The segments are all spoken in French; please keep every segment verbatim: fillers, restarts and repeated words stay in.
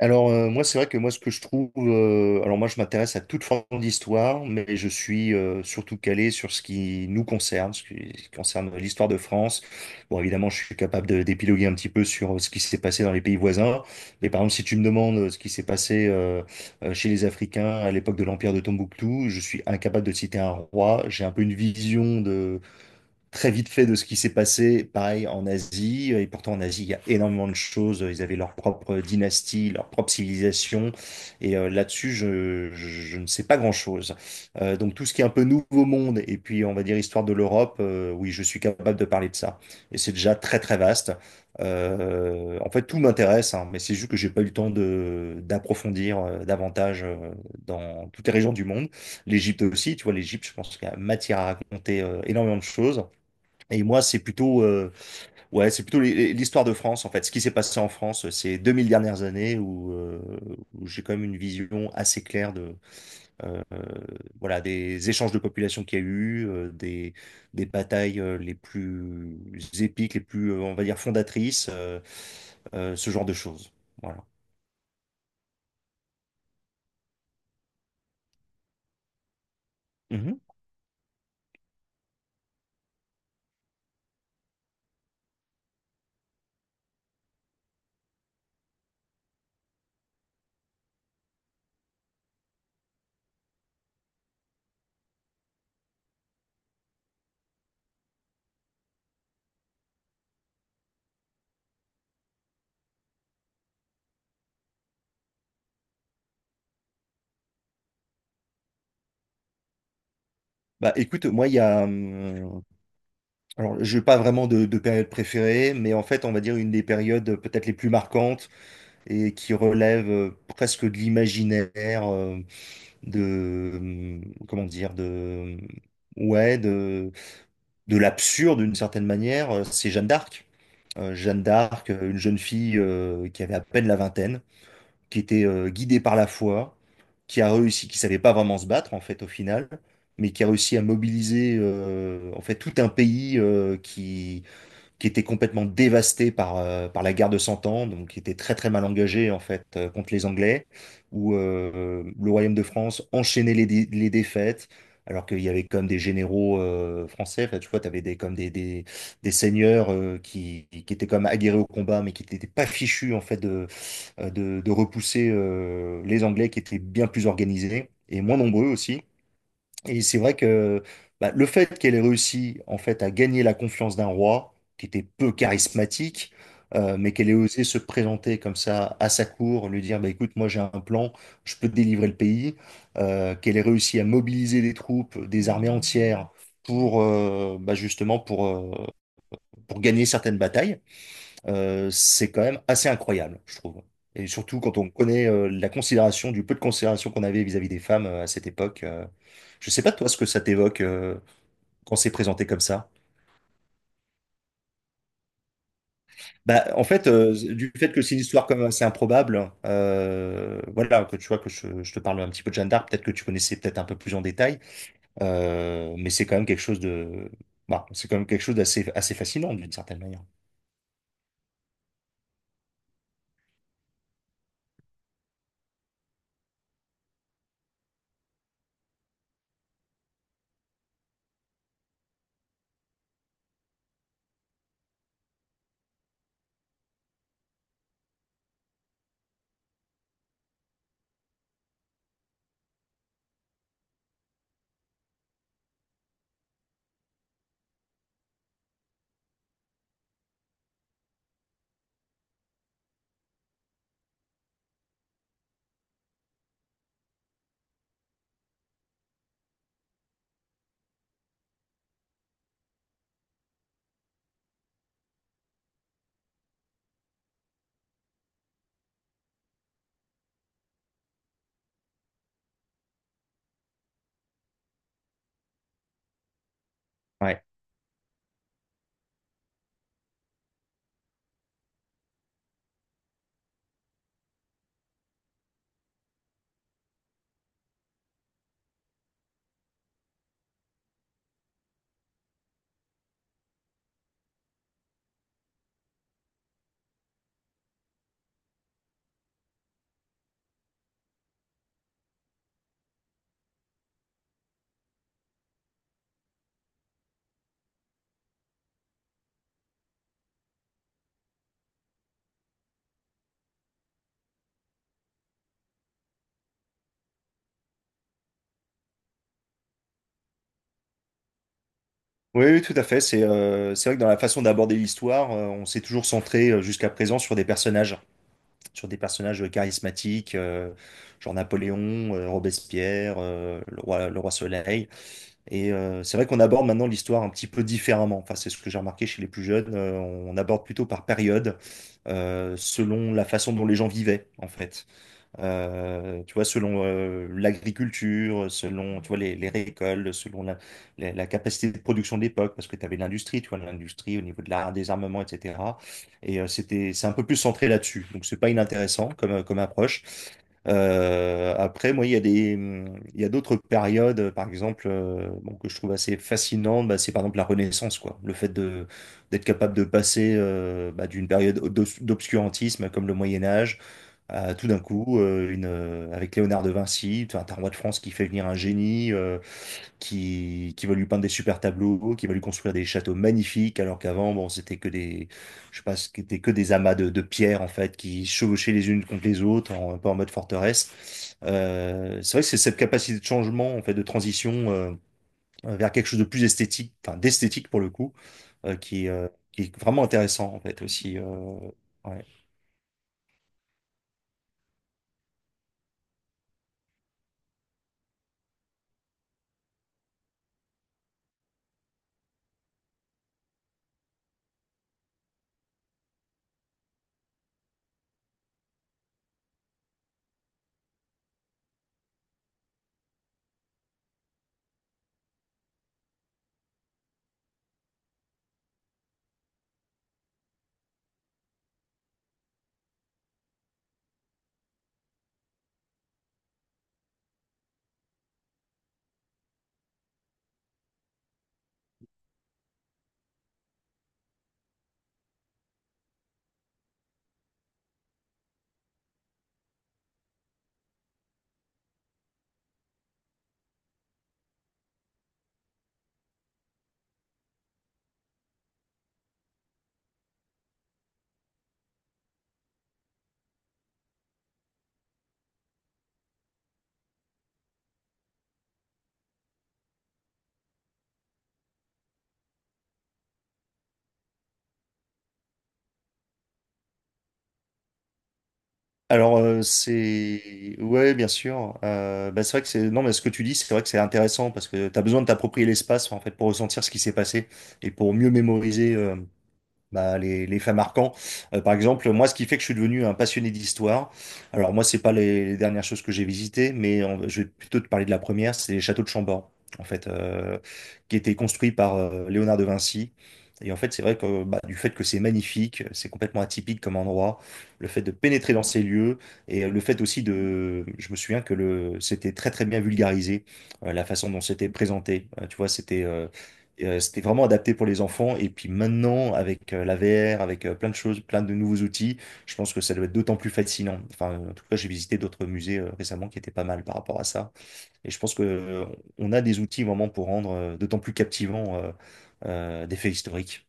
Alors, euh, moi, c'est vrai que moi, ce que je trouve, euh, alors moi, je m'intéresse à toute forme d'histoire, mais je suis euh, surtout calé sur ce qui nous concerne, ce qui ce qui concerne l'histoire de France. Bon, évidemment, je suis capable de- d'épiloguer un petit peu sur euh, ce qui s'est passé dans les pays voisins, mais par exemple, si tu me demandes euh, ce qui s'est passé euh, euh, chez les Africains à l'époque de l'Empire de Tombouctou, je suis incapable de citer un roi. J'ai un peu une vision très vite fait de ce qui s'est passé, pareil, en Asie. Et pourtant, en Asie, il y a énormément de choses. Ils avaient leur propre dynastie, leur propre civilisation. Et euh, là-dessus, je, je, je ne sais pas grand-chose. Euh, donc, tout ce qui est un peu nouveau monde, et puis, on va dire, histoire de l'Europe, euh, oui, je suis capable de parler de ça. Et c'est déjà très, très vaste. Euh, en fait, tout m'intéresse, hein, mais c'est juste que j'ai pas eu le temps de d'approfondir euh, davantage euh, dans toutes les régions du monde. L'Égypte aussi, tu vois, l'Égypte, je pense qu'il y a matière à raconter euh, énormément de choses. Et moi, c'est plutôt, euh, ouais, c'est plutôt les- l'histoire de France, en fait. Ce qui s'est passé en France euh, ces deux mille dernières années où, euh, où j'ai quand même une vision assez claire de, euh, voilà, des échanges de population qu'il y a eu, euh, des, des batailles euh, les plus épiques, les plus, euh, on va dire, fondatrices, euh, euh, ce genre de choses. Voilà. Mhm. Bah, écoute, moi, il y a. hum, alors, je n'ai pas vraiment de, de période préférée, mais en fait, on va dire une des périodes euh, peut-être les plus marquantes. Et qui relève euh, presque de l'imaginaire, euh, de, euh, comment dire, de, ouais, de, de l'absurde d'une certaine manière, euh, c'est Jeanne d'Arc. Euh, Jeanne d'Arc, euh, une jeune fille euh, qui avait à peine la vingtaine, qui était euh, guidée par la foi, qui a réussi, qui savait pas vraiment se battre en fait au final, mais qui a réussi à mobiliser euh, en fait tout un pays euh, qui qui était complètement dévasté par, euh, par la guerre de Cent Ans, donc qui était très très mal engagé en fait euh, contre les Anglais, où euh, le royaume de France enchaînait les, dé- les défaites, alors qu'il y avait comme des généraux euh, français, enfin, tu vois, tu avais des, comme des, des, des seigneurs euh, qui, qui étaient comme aguerris au combat, mais qui n'étaient pas fichus en fait de, euh, de, de repousser euh, les Anglais qui étaient bien plus organisés et moins nombreux aussi. Et c'est vrai que bah, le fait qu'elle ait réussi en fait à gagner la confiance d'un roi, qui était peu charismatique, euh, mais qu'elle ait osé se présenter comme ça à sa cour, lui dire bah, écoute, moi j'ai un plan, je peux te délivrer le pays, euh, qu'elle ait réussi à mobiliser des troupes, des armées entières pour euh, bah, justement pour, euh, pour gagner certaines batailles euh, c'est quand même assez incroyable, je trouve. Et surtout quand on connaît euh, la considération, du peu de considération qu'on avait vis-à-vis des femmes euh, à cette époque. euh. Je sais pas toi ce que ça t'évoque euh, quand c'est présenté comme ça. Bah, en fait, euh, du fait que c'est une histoire comme assez improbable, euh, voilà, que tu vois que je, je te parle un petit peu de Jeanne d'Arc, peut-être que tu connaissais peut-être un peu plus en détail. Euh, mais c'est quand même quelque chose de, bah, c'est quand même quelque chose d'assez assez fascinant d'une certaine manière. Ouais. Oui, oui, tout à fait. C'est euh, c'est vrai que dans la façon d'aborder l'histoire, euh, on s'est toujours centré euh, jusqu'à présent sur des personnages. Sur des personnages euh, charismatiques, euh, genre Napoléon, euh, Robespierre, euh, le roi, le roi Soleil. Et euh, c'est vrai qu'on aborde maintenant l'histoire un petit peu différemment. Enfin, c'est ce que j'ai remarqué chez les plus jeunes. Euh, on aborde plutôt par période, euh, selon la façon dont les gens vivaient, en fait euh, tu vois, selon euh, l'agriculture, selon tu vois, les, les récoltes, selon la, la, la capacité de production de l'époque, parce que tu avais l'industrie, tu vois, l'industrie au niveau de la, des armements, et cetera. Et euh, c'était, c'est un peu plus centré là-dessus. Donc, c'est pas inintéressant comme, euh, comme approche. Euh, après, moi, il y a des, hum, il y a d'autres périodes, par exemple, euh, bon, que je trouve assez fascinantes, bah, c'est par exemple la Renaissance, quoi. Le fait de, d'être capable de passer euh, bah, d'une période d'obs- d'obscurantisme comme le Moyen Âge à- tout d'un coup, euh, une, euh, avec Léonard de Vinci, tu as un roi de France qui fait venir un génie, euh, qui, qui va lui peindre des super tableaux, qui va lui construire des châteaux magnifiques, alors qu'avant, bon, c'était que des, je sais pas, c'était que des amas de, de pierres, en fait, qui chevauchaient les unes contre les autres, en, un peu en mode forteresse. Euh, c'est vrai que c'est cette capacité de changement, en fait, de transition, euh, vers quelque chose de plus esthétique, enfin, d'esthétique pour le coup, euh, qui, est, euh, qui est vraiment intéressant, en fait, aussi. euh, ouais. Alors euh, c'est ouais bien sûr Euh, bah, c'est vrai que c'est non mais ce que tu dis c'est vrai que c'est intéressant parce que tu as besoin de t'approprier l'espace en fait pour ressentir ce qui s'est passé et pour mieux mémoriser euh, bah, les, les faits marquants. Euh, par exemple, moi, ce qui fait que je suis devenu un passionné d'histoire, alors moi, c'est pas les, les dernières choses que j'ai visitées, mais on- je vais plutôt te parler de la première, c'est les châteaux de Chambord, en fait, euh, qui étaient construits par euh, Léonard de Vinci. Et en fait, c'est vrai que bah, du fait que c'est magnifique, c'est complètement atypique comme endroit, le fait de pénétrer dans ces lieux, et le fait aussi de... Je me souviens que le... c'était très très bien vulgarisé, euh, la façon dont c'était présenté. Euh, tu vois, c'était... euh, et, Euh, c'était vraiment adapté pour les enfants. Et puis maintenant, avec euh, la V R, avec euh, plein de choses, plein de nouveaux outils, je pense que ça doit être d'autant plus fascinant. Enfin, en tout cas, j'ai visité d'autres musées euh, récemment qui étaient pas mal par rapport à ça. Et je pense que euh, on a des outils vraiment pour rendre euh, d'autant plus captivant euh, euh, des faits historiques.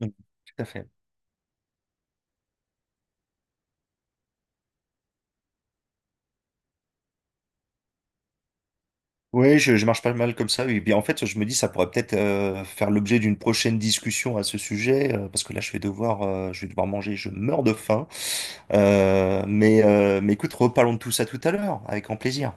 Mm. Tout à fait. Oui, je, je marche pas mal comme ça. Et bien, en fait, je me dis, ça pourrait peut-être euh, faire l'objet d'une prochaine discussion à ce sujet, euh, parce que là, je vais devoir, euh, je vais devoir manger. Je meurs de faim. Euh, mais, euh, mais écoute, reparlons de tout ça tout à l'heure, avec grand plaisir.